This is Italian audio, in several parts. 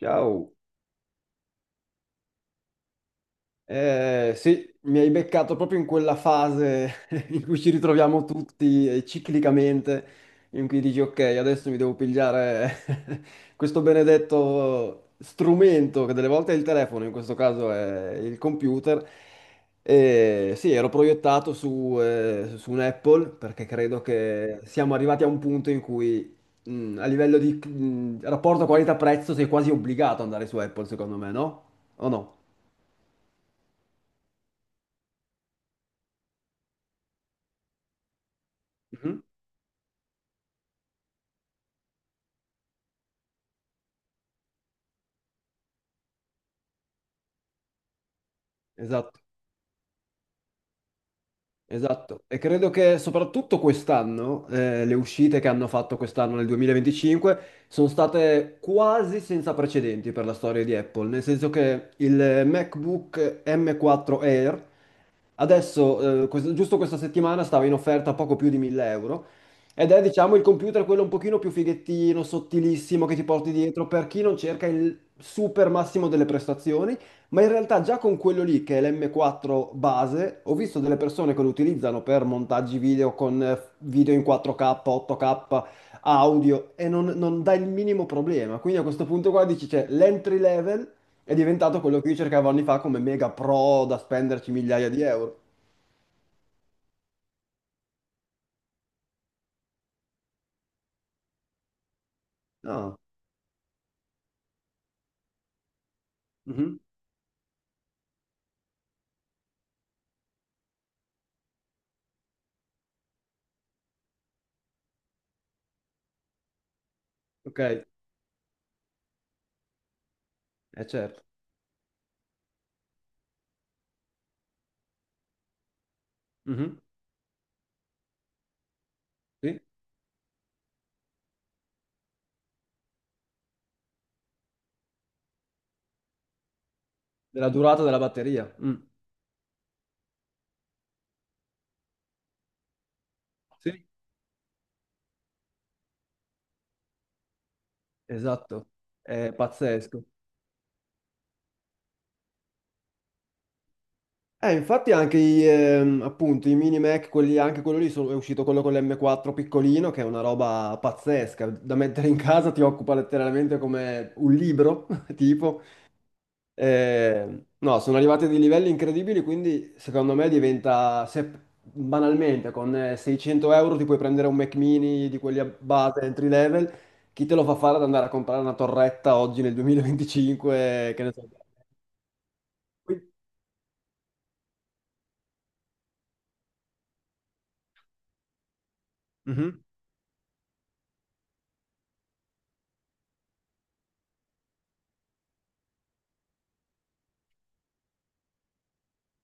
Ciao. Sì, mi hai beccato proprio in quella fase in cui ci ritroviamo tutti, ciclicamente, in cui dici ok, adesso mi devo pigliare questo benedetto strumento, che delle volte è il telefono, in questo caso è il computer. E sì, ero proiettato su, su un Apple perché credo che siamo arrivati a un punto in cui, a livello di rapporto qualità-prezzo, sei quasi obbligato ad andare su Apple, secondo me, no? O no? Mhm. Esatto, esatto. E credo che soprattutto quest'anno, le uscite che hanno fatto quest'anno nel 2025 sono state quasi senza precedenti per la storia di Apple, nel senso che il MacBook M4 Air, adesso, giusto questa settimana, stava in offerta poco più di 1000 euro ed è, diciamo, il computer quello un pochino più fighettino, sottilissimo che ti porti dietro per chi non cerca il super massimo delle prestazioni, ma in realtà già con quello lì, che è l'M4 base, ho visto delle persone che lo utilizzano per montaggi video con video in 4K, 8K, audio e non dà il minimo problema. Quindi a questo punto qua dici, c'è l'entry level è diventato quello che io cercavo anni fa come mega pro da spenderci migliaia di euro. Ah, mhm, ok, è certo. Mhm, sì, della durata della batteria. Mm, sì, esatto. È pazzesco. Infatti anche i, appunto, i mini Mac, quelli, anche quello lì, è uscito quello con l'M4 piccolino, che è una roba pazzesca. Da mettere in casa ti occupa letteralmente come un libro, tipo. No, sono arrivati a dei livelli incredibili, quindi secondo me diventa, se banalmente con 600 euro ti puoi prendere un Mac mini di quelli a base entry level, chi te lo fa fare ad andare a comprare una torretta oggi nel 2025, che ne so. Qui- Mhm,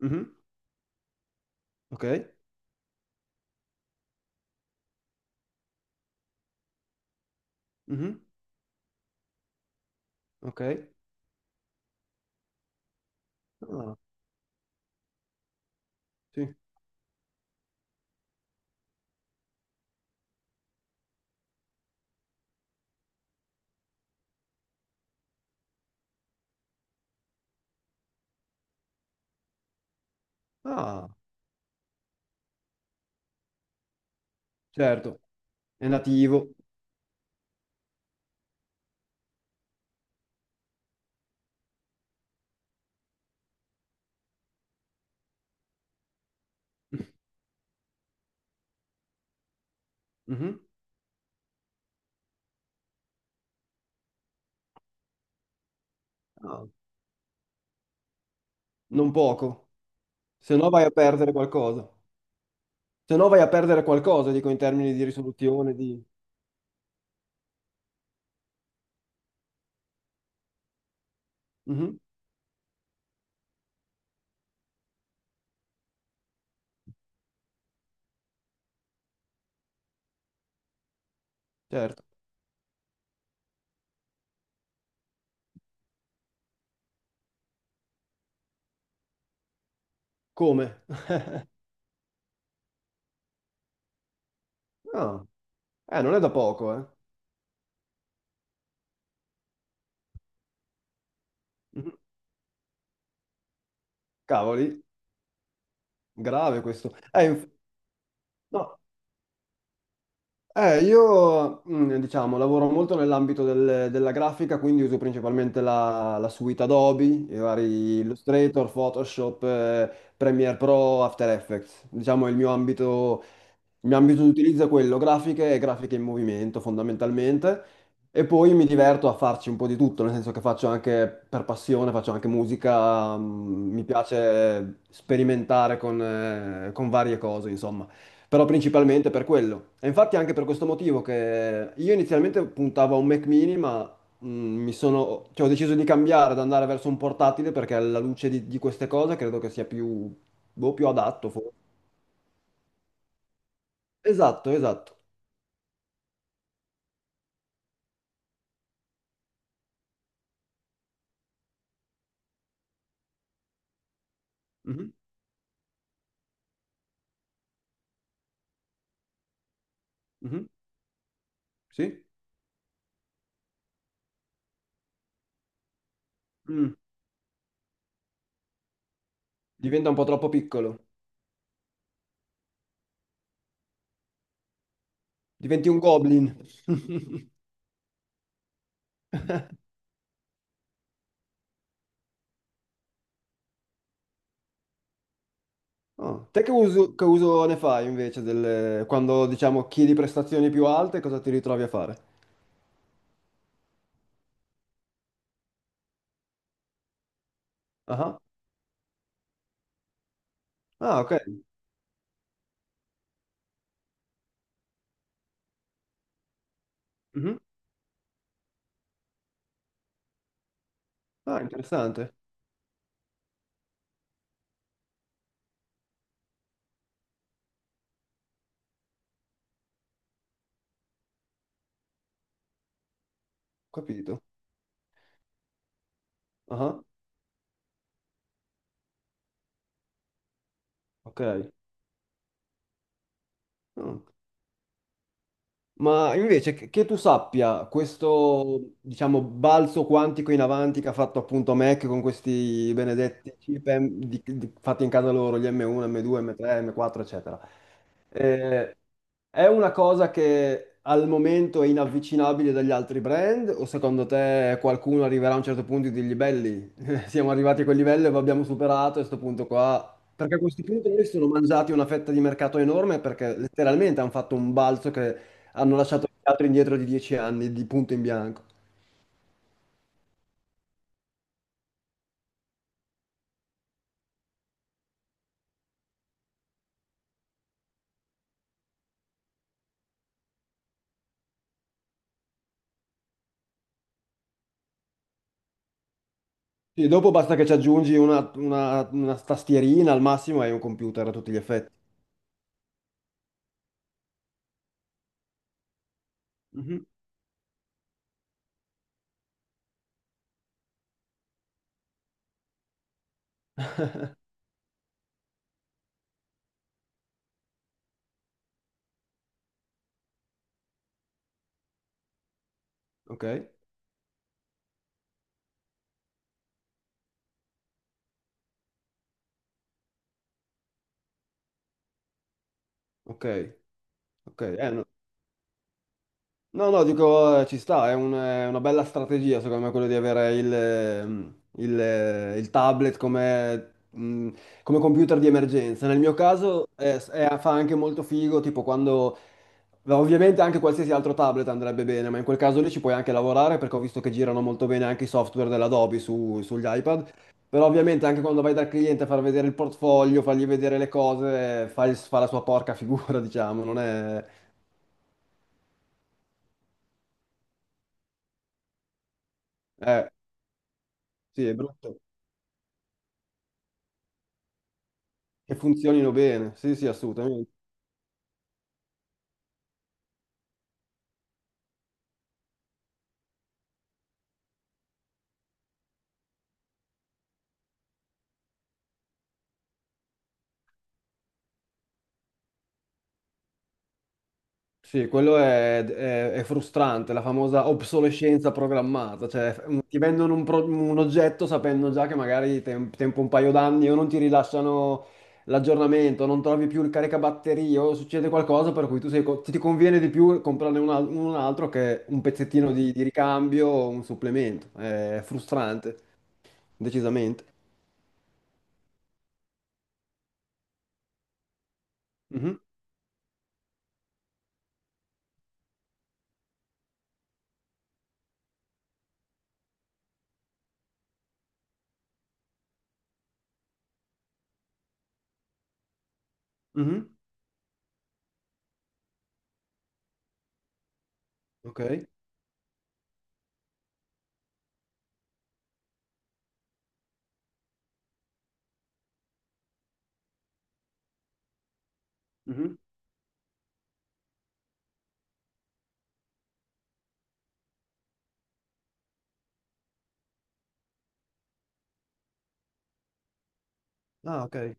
mhm, ok, mhm, ok. Ah, sì. Ah, certo, è nativo. Mhm, ah, non poco, se no vai a perdere qualcosa. Se no vai a perdere qualcosa, dico, in termini di risoluzione, di... Mhm, certo. Come? Ah, non è da poco, eh. Mhm. Cavoli, grave questo. No. Io, diciamo, lavoro molto nell'ambito della grafica, quindi uso principalmente la suite Adobe, i vari Illustrator, Photoshop, Premiere Pro, After Effects. Diciamo, il mio ambito di utilizzo è quello, grafiche e grafiche in movimento, fondamentalmente. E poi mi diverto a farci un po' di tutto, nel senso che faccio anche per passione, faccio anche musica, mi piace sperimentare con varie cose, insomma, però principalmente per quello. E infatti anche per questo motivo che io inizialmente puntavo a un Mac mini, ma cioè, ho deciso di cambiare, ad andare verso un portatile perché alla luce di queste cose credo che sia più adatto, forse. Esatto, esatto. Mhm, mhm, sì? Mm, diventa un po' troppo piccolo. Diventi un goblin. Oh, te che uso ne fai invece quando diciamo chiedi prestazioni più alte, cosa ti ritrovi a fare? Ah, ah, ok. Mhm. Ah, interessante. Capito. Ah, ok. Mm. Ma invece che tu sappia, questo, diciamo, balzo quantico in avanti che ha fatto appunto Mac con questi benedetti chip fatti in casa loro, gli M1, M2, M3, M4, eccetera. Eh, È una cosa che al momento è inavvicinabile dagli altri brand o secondo te qualcuno arriverà a un certo punto e dirgli belli, siamo arrivati a quel livello e lo abbiamo superato a questo punto qua? Perché a questo punto noi si sono mangiati una fetta di mercato enorme perché letteralmente hanno fatto un balzo che hanno lasciato gli altri indietro di 10 anni di punto in bianco. Sì, dopo basta che ci aggiungi una tastierina al massimo e hai un computer a tutti gli effetti. Mhm. Ok, ok, ok. No. No, no, dico, ci sta, è una bella strategia secondo me quello di avere il tablet come computer di emergenza. Nel mio caso fa anche molto figo, tipo quando... Ovviamente anche qualsiasi altro tablet andrebbe bene, ma in quel caso lì ci puoi anche lavorare perché ho visto che girano molto bene anche i software dell'Adobe sugli iPad. Però ovviamente anche quando vai dal cliente a far vedere il portfolio, fargli vedere le cose, fa la sua porca figura, diciamo, non è... Eh, sì, è brutto. Che funzionino bene, sì, sì, assolutamente. Sì, quello è frustrante, la famosa obsolescenza programmata, cioè ti vendono un oggetto sapendo già che magari tempo un paio d'anni o non ti rilasciano l'aggiornamento, non trovi più il caricabatterie o succede qualcosa per cui tu ti conviene di più comprarne un altro che un pezzettino di ricambio o un supplemento. È frustrante, decisamente. Mhm, mhm, ok. Mhm. Ah, ok.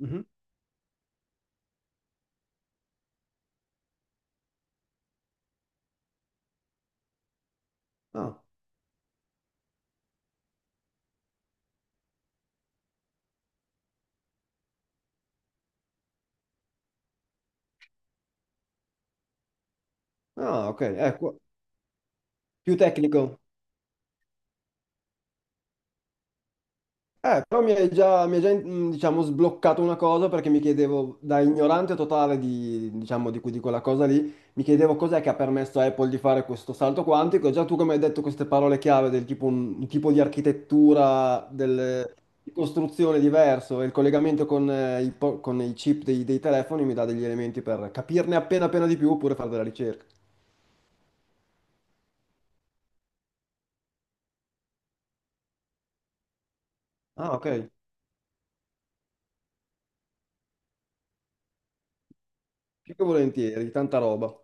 Mhm. Ah. Ah, ok, ecco, più tecnico. Però mi hai già, diciamo, sbloccato una cosa perché mi chiedevo, da ignorante totale diciamo, di quella cosa lì, mi chiedevo cos'è che ha permesso a Apple di fare questo salto quantico. E già tu come hai detto queste parole chiave del tipo un tipo di architettura, di costruzione diverso e il collegamento con i chip dei telefoni mi dà degli elementi per capirne appena appena di più oppure fare della ricerca. Ah, ok, più che volentieri, tanta roba.